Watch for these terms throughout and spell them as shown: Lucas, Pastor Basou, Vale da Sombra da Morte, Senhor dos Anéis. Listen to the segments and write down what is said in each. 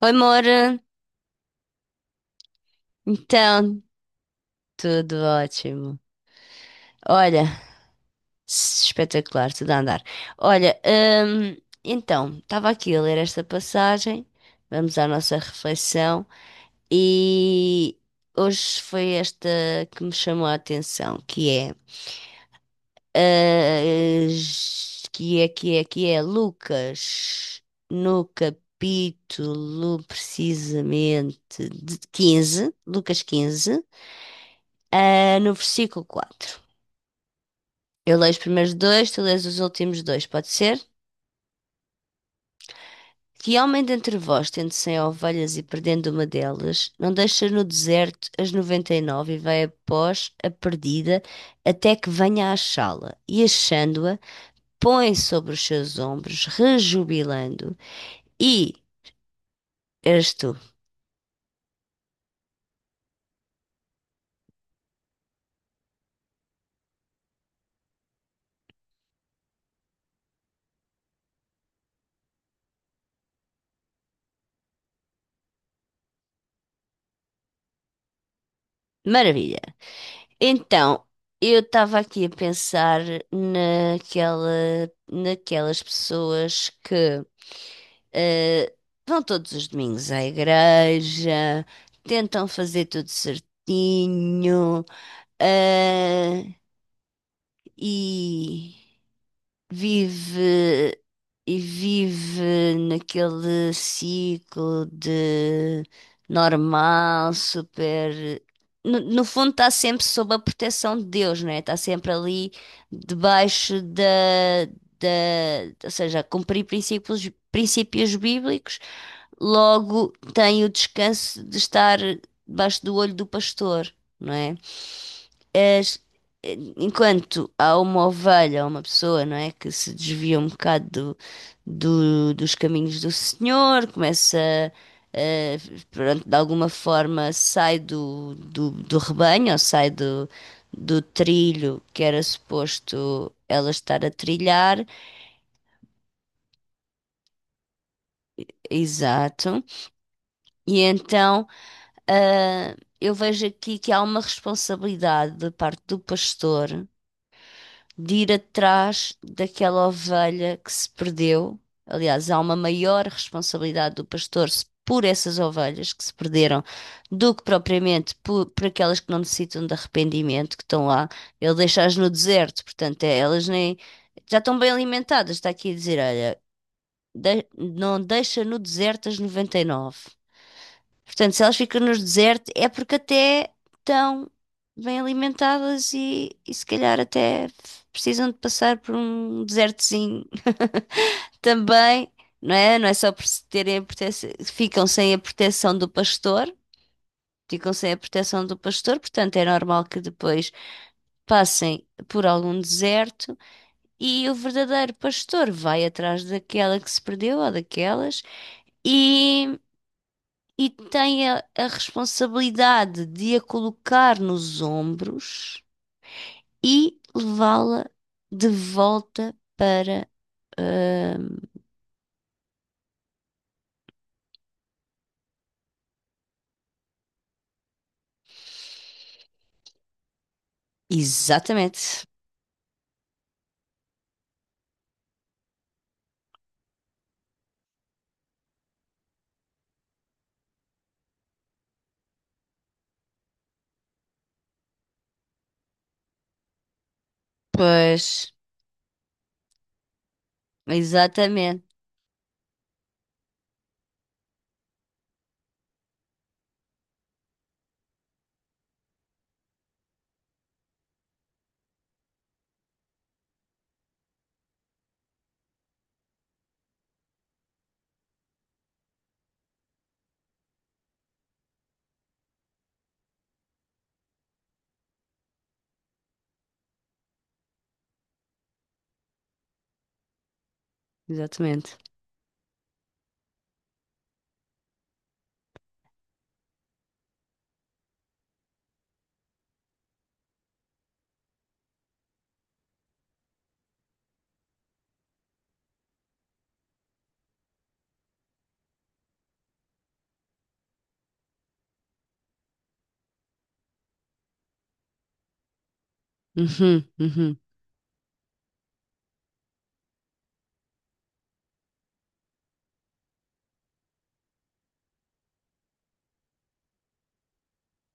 Oi, Moura. Então, tudo ótimo. Olha, espetacular, tudo a andar. Olha, então, estava aqui a ler esta passagem. Vamos à nossa reflexão. E hoje foi esta que me chamou a atenção, que é, ah, Lucas, no capítulo precisamente de 15, Lucas 15. No versículo 4 eu leio os primeiros dois, tu lês os últimos dois, pode ser? Que homem dentre vós, tendo 100 ovelhas e perdendo uma delas, não deixa no deserto as 99 e vai após a perdida até que venha a achá-la. E achando-a, põe sobre os seus ombros, rejubilando. E eres tu. Maravilha. Então, eu estava aqui a pensar naquela, naquelas pessoas que Eh, vão todos os domingos à igreja, tentam fazer tudo certinho, eh, e vive vive naquele ciclo de normal, super. No fundo, está sempre sob a proteção de Deus, não é? Está sempre ali debaixo da, ou seja, a cumprir princípios, princípios bíblicos. Logo, tem o descanso de estar debaixo do olho do pastor, não é? As- Enquanto há uma ovelha, há uma pessoa, não é, que se desvia um bocado dos caminhos do Senhor, começa, eh, pronto, de alguma forma sai do rebanho, ou sai do trilho que era suposto ela estar a trilhar, exato, e então. Eu vejo aqui que há uma responsabilidade da parte do pastor de ir atrás daquela ovelha que se perdeu. Aliás, há uma maior responsabilidade do pastor por essas ovelhas que se perderam do que propriamente por aquelas que não necessitam de arrependimento, que estão lá. Ele deixa-as no deserto, portanto, elas nem já estão bem alimentadas. Está aqui a dizer: olha, não deixa no deserto as 99. Portanto, se elas ficam nos desertos é porque até estão bem alimentadas e se calhar até precisam de passar por um desertozinho também, não é? Não é só por se terem a proteção, ficam sem a proteção do pastor, ficam sem a proteção do pastor, portanto é normal que depois passem por algum deserto e o verdadeiro pastor vai atrás daquela que se perdeu ou daquelas e tem a responsabilidade de a colocar nos ombros e levá-la de volta para. ahm, Exatamente. Pois, exatamente, exatamente. Uhum, uhum,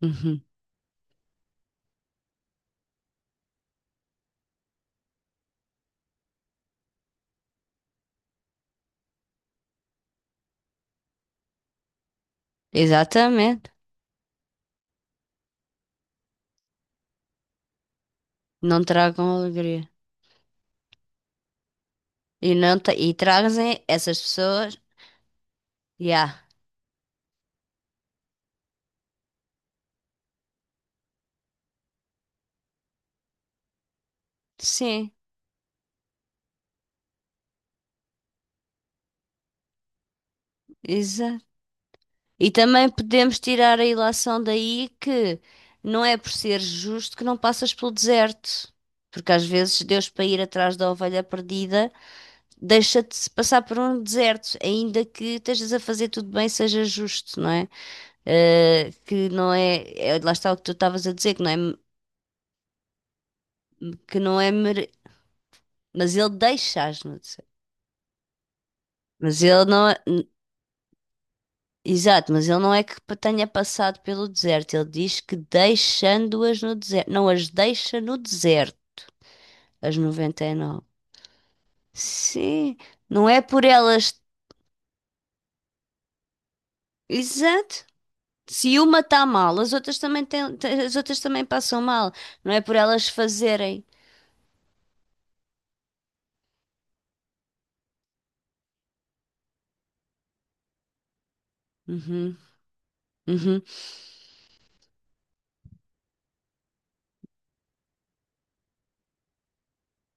uhum. Exatamente. Não tragam alegria. E, não tra- e trazem essas pessoas. Yeah. Sim, e também podemos tirar a ilação daí que não é por ser justo que não passas pelo deserto. Porque às vezes Deus, para ir atrás da ovelha perdida, deixa-te passar por um deserto, ainda que estejas a fazer tudo bem, seja justo, não é? Que não é, lá está o que tu estavas a dizer, que não é. Que não é mere- Mas ele deixa-as no deserto. Mas ele não é. Exato, mas ele não é que tenha passado pelo deserto. Ele diz que deixando-as no deserto. Não as deixa no deserto. As noventa e nove. Sim, não é por elas. Exato. Se uma está mal, as outras também têm, as outras também passam mal. Não é por elas fazerem. Uhum, uhum.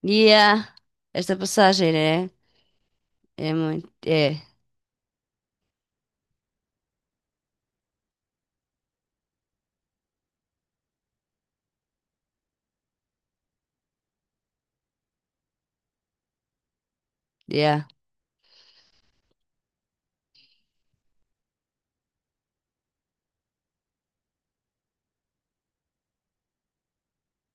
Yeah. Esta passagem, né? É muito. É. Yeah.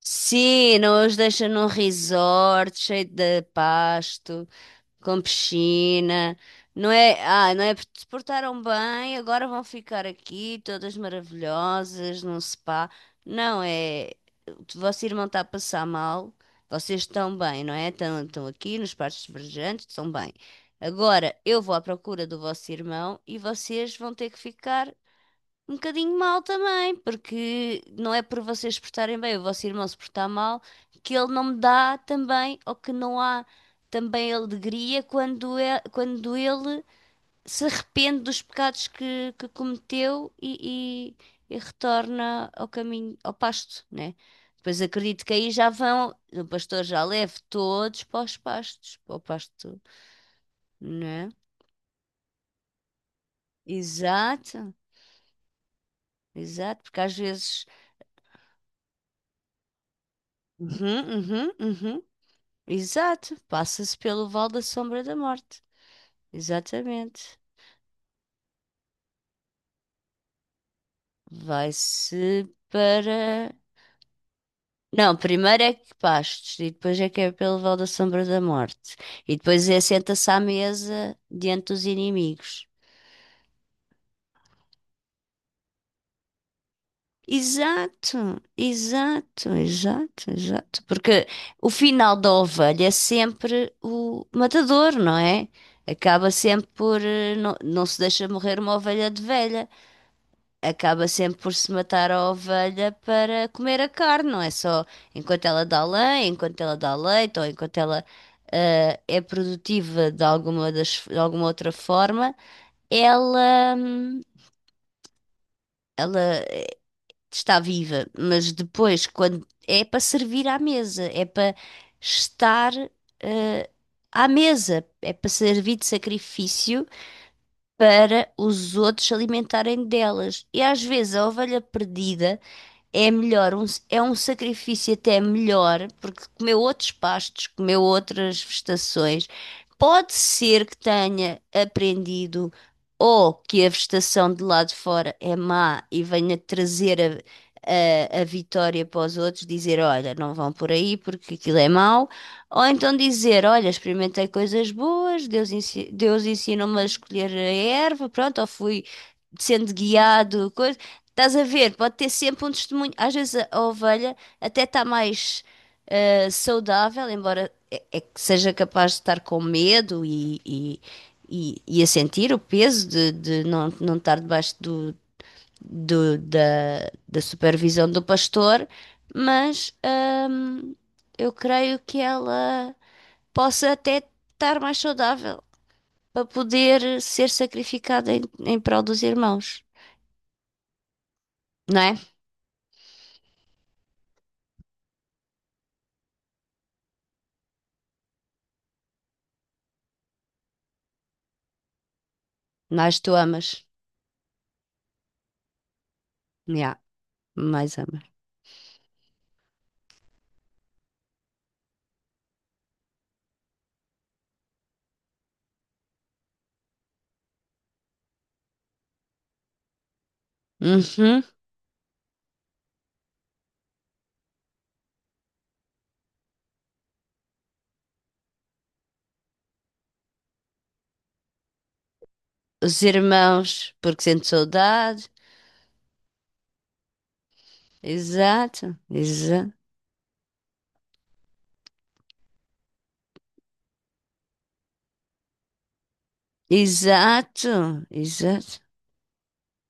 Sim, não os deixa num resort cheio de pasto, com piscina, não é? Ah, não é? Porque se portaram bem, agora vão ficar aqui todas maravilhosas num spa. Não é? O vosso irmão está a passar mal, vocês estão bem, não é? Estão, estão aqui nos parques verdejantes, estão bem. Agora eu vou à procura do vosso irmão e vocês vão ter que ficar um bocadinho mal também, porque não é por vocês se portarem bem, o vosso irmão se portar mal, que ele não me dá também, ou que não há também alegria quando, quando ele se arrepende dos pecados que cometeu e retorna ao caminho, ao pasto, né? Depois acredito que aí já vão, o pastor já leva todos para os pastos, para o pasto, né? Exato, exato, porque às vezes. Uhum, uhum, uhum. Exato, passa-se pelo Vale da Sombra da Morte. Exatamente. Vai-se para. Não, primeiro é que pastos e depois é que é pelo Vale da Sombra da Morte. E depois é senta-se à mesa diante dos inimigos. Exato, exato, exato, exato. Porque o final da ovelha é sempre o matador, não é? Acaba sempre por. Não, não se deixa morrer uma ovelha de velha. Acaba sempre por se matar a ovelha para comer a carne, não é só enquanto ela dá lã, enquanto ela dá leite ou enquanto ela é produtiva de alguma outra forma, ela está viva, mas depois quando é para servir à mesa, é para estar ah, à mesa, é para servir de sacrifício para os outros se alimentarem delas. E às vezes a ovelha perdida é melhor, é um sacrifício até melhor, porque comeu outros pastos, comeu outras vegetações. Pode ser que tenha aprendido ou que a vegetação de lá de fora é má e venha trazer a vitória para os outros, dizer, olha, não vão por aí porque aquilo é mau, ou então dizer, olha, experimentei coisas boas, Deus, Deus ensinou-me a escolher a erva, pronto, ou fui sendo guiado. Estás a ver? Pode ter sempre um testemunho. Às vezes a ovelha até está mais saudável, embora é que seja capaz de estar com medo e a sentir o peso de não, não estar debaixo da supervisão do pastor, mas eu creio que ela possa até estar mais saudável para poder ser sacrificada em prol dos irmãos, não é? Mas tu amas. Yeah. Mais amar. Uhum. Os irmãos, porque sente saudade. Exato, exato, exato,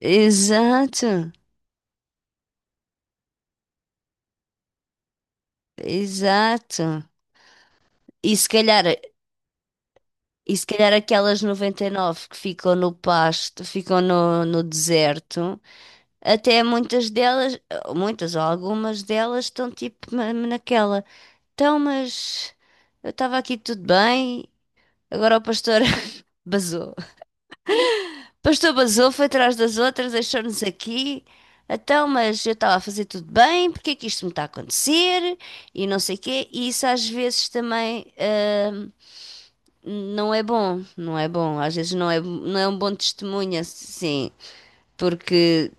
exato, exato, exato. E se calhar, e se calhar, aquelas 99 que ficam no pasto, ficam no deserto, até muitas delas, muitas ou algumas delas estão tipo naquela. Então, mas eu estava aqui tudo bem, agora o pastor basou. Pastor Basou foi atrás das outras, deixou-nos aqui. Então, mas eu estava a fazer tudo bem, porque é que isto me está a acontecer? E não sei o quê. E isso às vezes também não é bom, não é bom. Às vezes não é um bom testemunho, assim, porque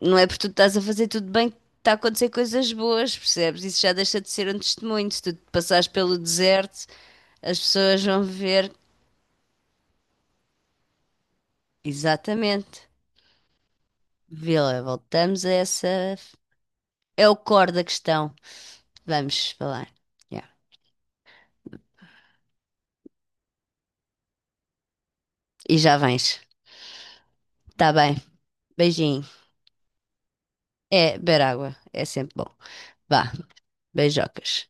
não é porque tu estás a fazer tudo bem que está a acontecer coisas boas, percebes? Isso já deixa de ser um testemunho. Se tu passares pelo deserto, as pessoas vão ver. Exatamente. Vê lá, voltamos a essa. É o core da questão. Vamos falar. Yeah. E já vens. Tá bem. Beijinho. É, beber água. É sempre bom. Vá. Beijocas.